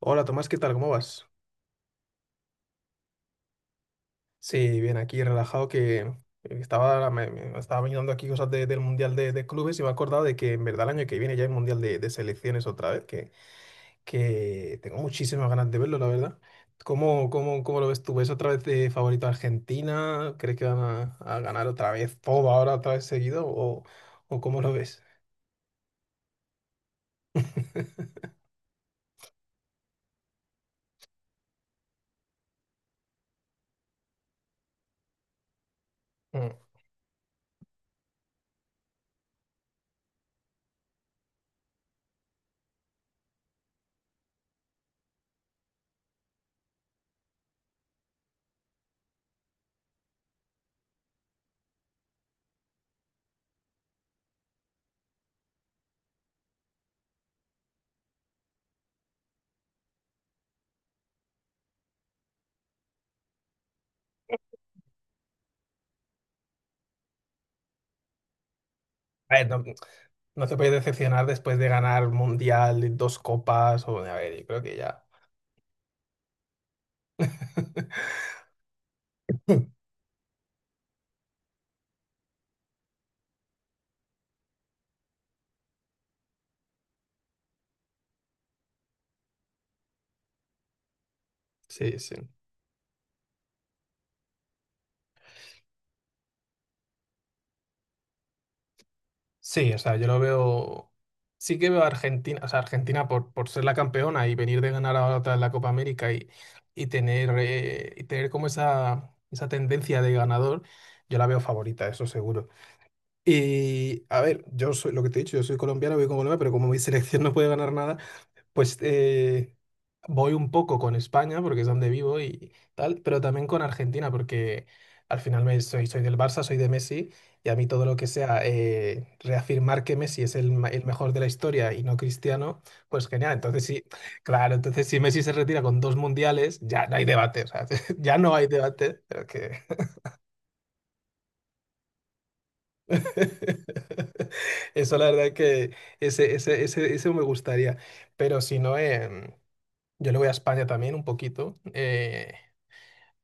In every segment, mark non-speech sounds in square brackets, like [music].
Hola Tomás, ¿qué tal? ¿Cómo vas? Sí, bien, aquí relajado que me estaba mirando aquí cosas del Mundial de Clubes y me he acordado de que en verdad el año que viene ya hay Mundial de Selecciones otra vez, que tengo muchísimas ganas de verlo, la verdad. ¿Cómo lo ves tú? ¿Ves otra vez de favorito a Argentina? ¿Crees que van a ganar otra vez todo ahora, otra vez seguido? ¿O cómo lo ves? [laughs] Mm. A ver, no, no te puedes decepcionar después de ganar Mundial, dos copas, o a ver, yo creo que ya. [laughs] [laughs] Sí, sí. Sí, o sea, yo lo veo. Sí que veo a Argentina, o sea, Argentina por ser la campeona y venir de ganar ahora otra vez la Copa América y tener, y tener como esa tendencia de ganador, yo la veo favorita, eso seguro. Y a ver, yo soy lo que te he dicho, yo soy colombiano, voy con Colombia, pero como mi [laughs] selección no puede ganar nada, pues voy un poco con España, porque es donde vivo y tal, pero también con Argentina, porque al final soy del Barça, soy de Messi, y a mí todo lo que sea reafirmar que Messi es el mejor de la historia y no Cristiano, pues genial. Entonces sí, [laughs] claro, entonces si Messi se retira con dos mundiales, ya no hay debate, o sea, [laughs] ya no hay debate, pero que... [laughs] Eso la verdad que ese me gustaría, pero si no... Yo le voy a España también un poquito,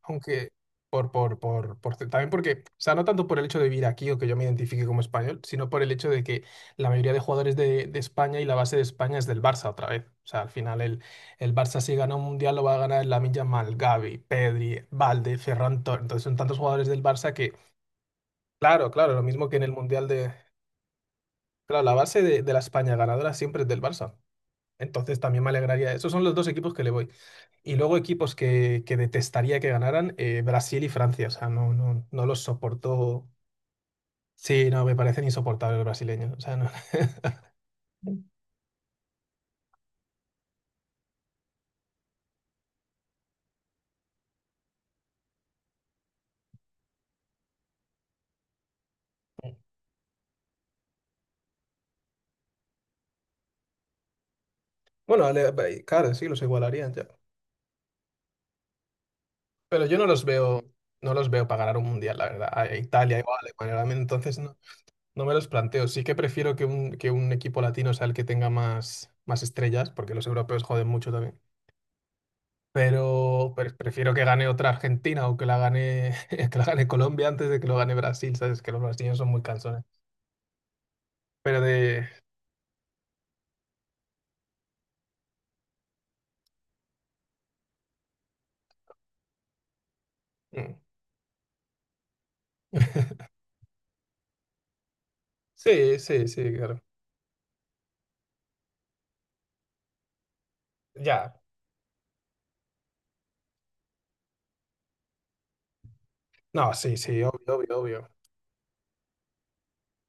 aunque también porque, o sea, no tanto por el hecho de vivir aquí o que yo me identifique como español, sino por el hecho de que la mayoría de jugadores de España y la base de España es del Barça otra vez. O sea, al final el Barça si gana un mundial lo va a ganar Lamine Yamal, Gavi, Pedri, Valde, entonces son tantos jugadores del Barça que, claro, claro, lo mismo que en el mundial de... Claro, la base de la España ganadora siempre es del Barça. Entonces también me alegraría. Esos son los dos equipos que le voy. Y luego equipos que detestaría que ganaran, Brasil y Francia. O sea, no, no, no los soporto. Sí, no, me parecen insoportables los brasileños. O sea, no. Bueno, ale- claro, sí, los igualarían ya. Pero yo no los veo para ganar un mundial, la verdad. A Italia igual, Alemania, realmente, entonces no, no me los planteo. Sí que prefiero que un equipo latino sea el que tenga más, más estrellas, porque los europeos joden mucho también. Pero prefiero que gane otra Argentina o que la gane, [laughs] que la gane Colombia antes de que lo gane Brasil, ¿sabes? Que los brasileños son muy cansones. Pero de... mm, sí, sí, sí, claro. Ya. No, sí, sí, obvio, obvio, obvio.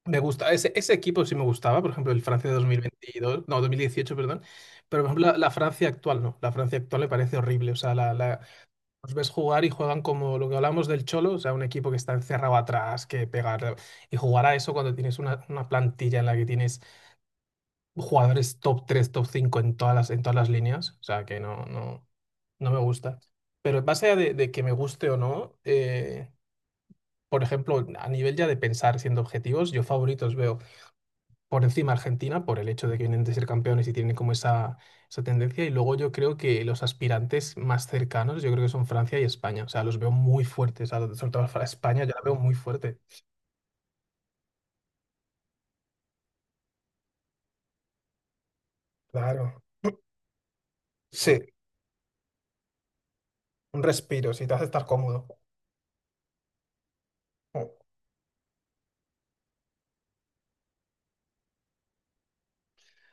Me gusta, ese equipo sí me gustaba, por ejemplo, el Francia de 2022, no, 2018, perdón, pero por ejemplo la Francia actual, no, la Francia actual me parece horrible, o sea, los ves jugar y juegan como lo que hablamos del Cholo, o sea, un equipo que está encerrado atrás, que pegar, y jugar a eso cuando tienes una plantilla en la que tienes jugadores top 3 top 5 en todas en todas las líneas. O sea, que no, no, no me gusta. Pero más allá de que me guste o no, por ejemplo, a nivel ya de pensar siendo objetivos, yo favoritos veo por encima Argentina, por el hecho de que vienen de ser campeones y tienen como esa, tendencia. Y luego yo creo que los aspirantes más cercanos, yo creo que son Francia y España. O sea, los veo muy fuertes. O sea, sobre todo para España, yo la veo muy fuerte. Claro. Sí, un respiro, si te hace estar cómodo. Oh,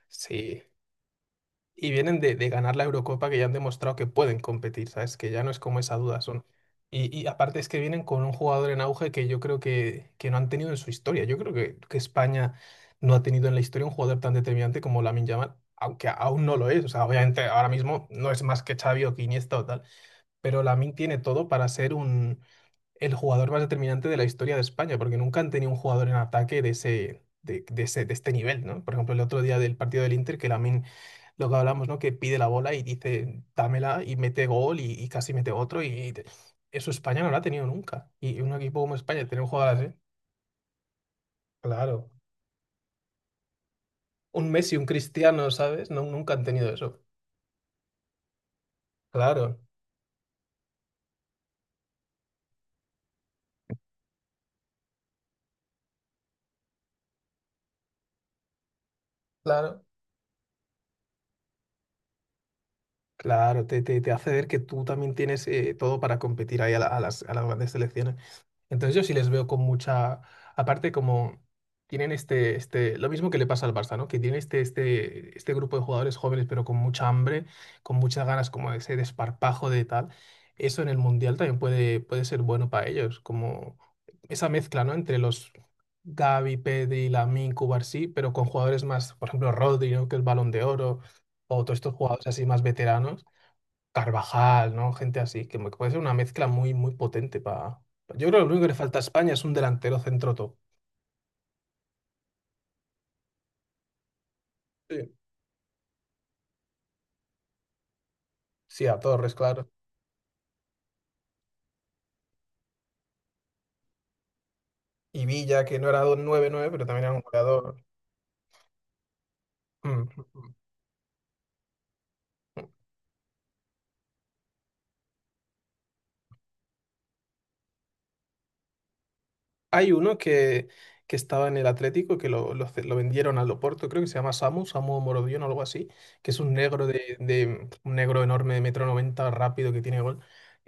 sí, y vienen de ganar la Eurocopa que ya han demostrado que pueden competir, ¿sabes? Que ya no es como esa duda, son. Y aparte es que vienen con un jugador en auge que yo creo que no han tenido en su historia. Yo creo que España no ha tenido en la historia un jugador tan determinante como Lamine Yamal, aunque aún no lo es. O sea, obviamente ahora mismo no es más que Xavi o que Iniesta o tal, pero Lamine tiene todo para ser el jugador más determinante de la historia de España, porque nunca han tenido un jugador en ataque de este nivel, ¿no? Por ejemplo, el otro día del partido del Inter, que Lamine lo que hablamos, ¿no? Que pide la bola y dice, dámela y mete gol y casi mete otro. Eso España no lo ha tenido nunca. Y un equipo como España, tener un jugador así, claro. Un Messi, un Cristiano, ¿sabes? No, nunca han tenido eso. Claro, claro. Claro, te hace ver que tú también tienes todo para competir ahí a las grandes selecciones. Entonces yo sí les veo con mucha, aparte como tienen lo mismo que le pasa al Barça, ¿no? Que tiene este grupo de jugadores jóvenes, pero con mucha hambre, con muchas ganas como de ese desparpajo de tal. Eso en el Mundial también puede ser bueno para ellos, como esa mezcla, ¿no? Entre los Gavi, Pedri, Lamine, Cubarsí, pero con jugadores más, por ejemplo, Rodri, ¿no? Que es Balón de Oro, o todos estos jugadores así más veteranos Carvajal, ¿no? Gente así, que me- puede ser una mezcla muy, muy potente para... Yo creo que lo único que le falta a España es un delantero centro top. Sí, sí, a Torres, claro. Y Villa, que no era 2 nueve nueve pero también era un goleador. Mm. Mm. Hay uno que estaba en el Atlético, que lo vendieron al Oporto, creo que se llama Samu Morodion o algo así, que es un negro de un negro enorme de metro 90 rápido, que tiene gol.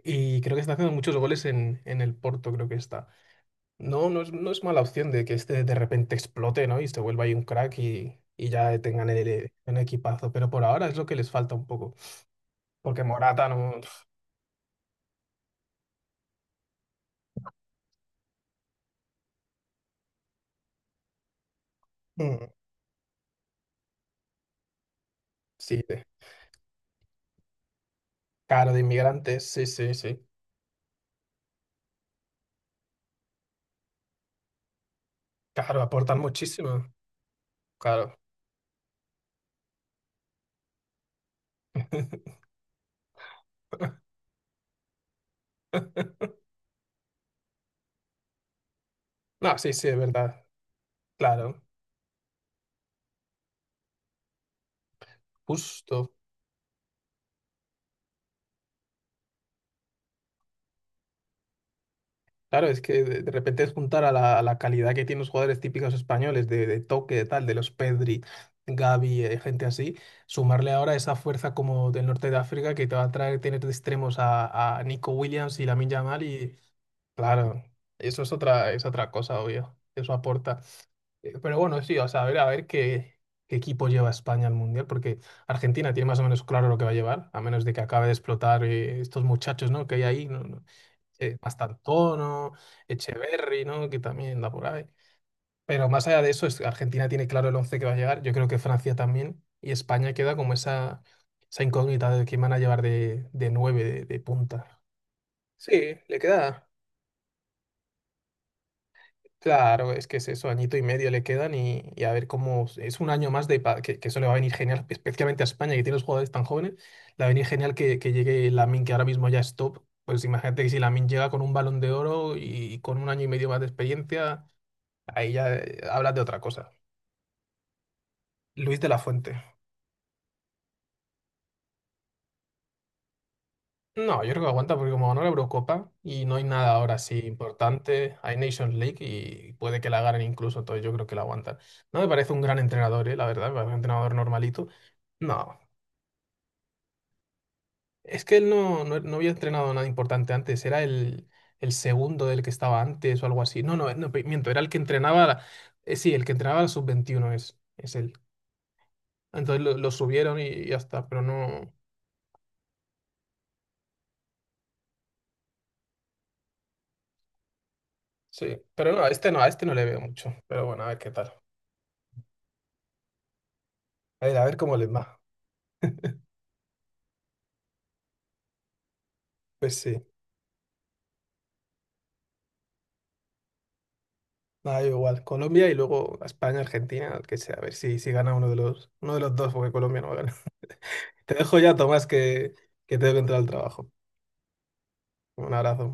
Y creo que está haciendo muchos goles en el Porto, creo que está. No, no es mala opción de que este de repente explote, ¿no? Y se vuelva ahí un crack y ya tengan un equipazo. Pero por ahora es lo que les falta un poco. Porque Morata no. Mm, sí, caro de inmigrantes, sí, sí, sí. Claro, aportan muchísimo. Claro. [laughs] No, sí, sí, es verdad. Claro. Justo. Claro, es que de repente es juntar a la calidad que tienen los jugadores típicos españoles, de toque, de tal, de los Pedri, Gavi, gente así, sumarle ahora esa fuerza como del norte de África que te va a traer tener de extremos a Nico Williams y Lamine Yamal y claro, eso es otra cosa, obvio. Eso aporta. Pero bueno, sí, o sea, a ver qué equipo lleva España al Mundial, porque Argentina tiene más o menos claro lo que va a llevar, a menos de que acabe de explotar estos muchachos, ¿no? que hay ahí, ¿no? no, Mastantuono, Echeverry, ¿no? que también da por ahí. Pero más allá de eso, Argentina tiene claro el 11 que va a llegar, yo creo que Francia también, y España queda como esa incógnita de quién van a llevar de 9 de punta. Sí, le queda. Claro, es que es eso, añito y medio le quedan y a ver cómo es un año más que eso le va a venir genial, especialmente a España que tiene los jugadores tan jóvenes, le va a venir genial que llegue Lamine que ahora mismo ya es top. Pues imagínate que si Lamine llega con un balón de oro con un año y medio más de experiencia, ahí ya hablas de otra cosa. Luis de la Fuente. No, yo creo que aguanta porque como ganó la Eurocopa y no hay nada ahora así importante, hay Nations League y puede que la ganen incluso, entonces yo creo que la aguantan. No me parece un gran entrenador, la verdad, me parece un entrenador normalito. No, es que él no, no, no había entrenado nada importante antes, era el segundo del que estaba antes o algo así. No, no, no, miento, era el que entrenaba, sí, el que entrenaba la sub-21 es él. Entonces lo subieron y ya está, pero no, sí, pero no, a este no le veo mucho, pero bueno, a ver qué tal. A ver cómo les va. Pues sí. Nada, yo igual, Colombia y luego España, Argentina, el que sea, a ver si gana uno de los dos, porque Colombia no va a ganar. [laughs] Te dejo ya, Tomás, que tengo que entrar al trabajo. Un abrazo.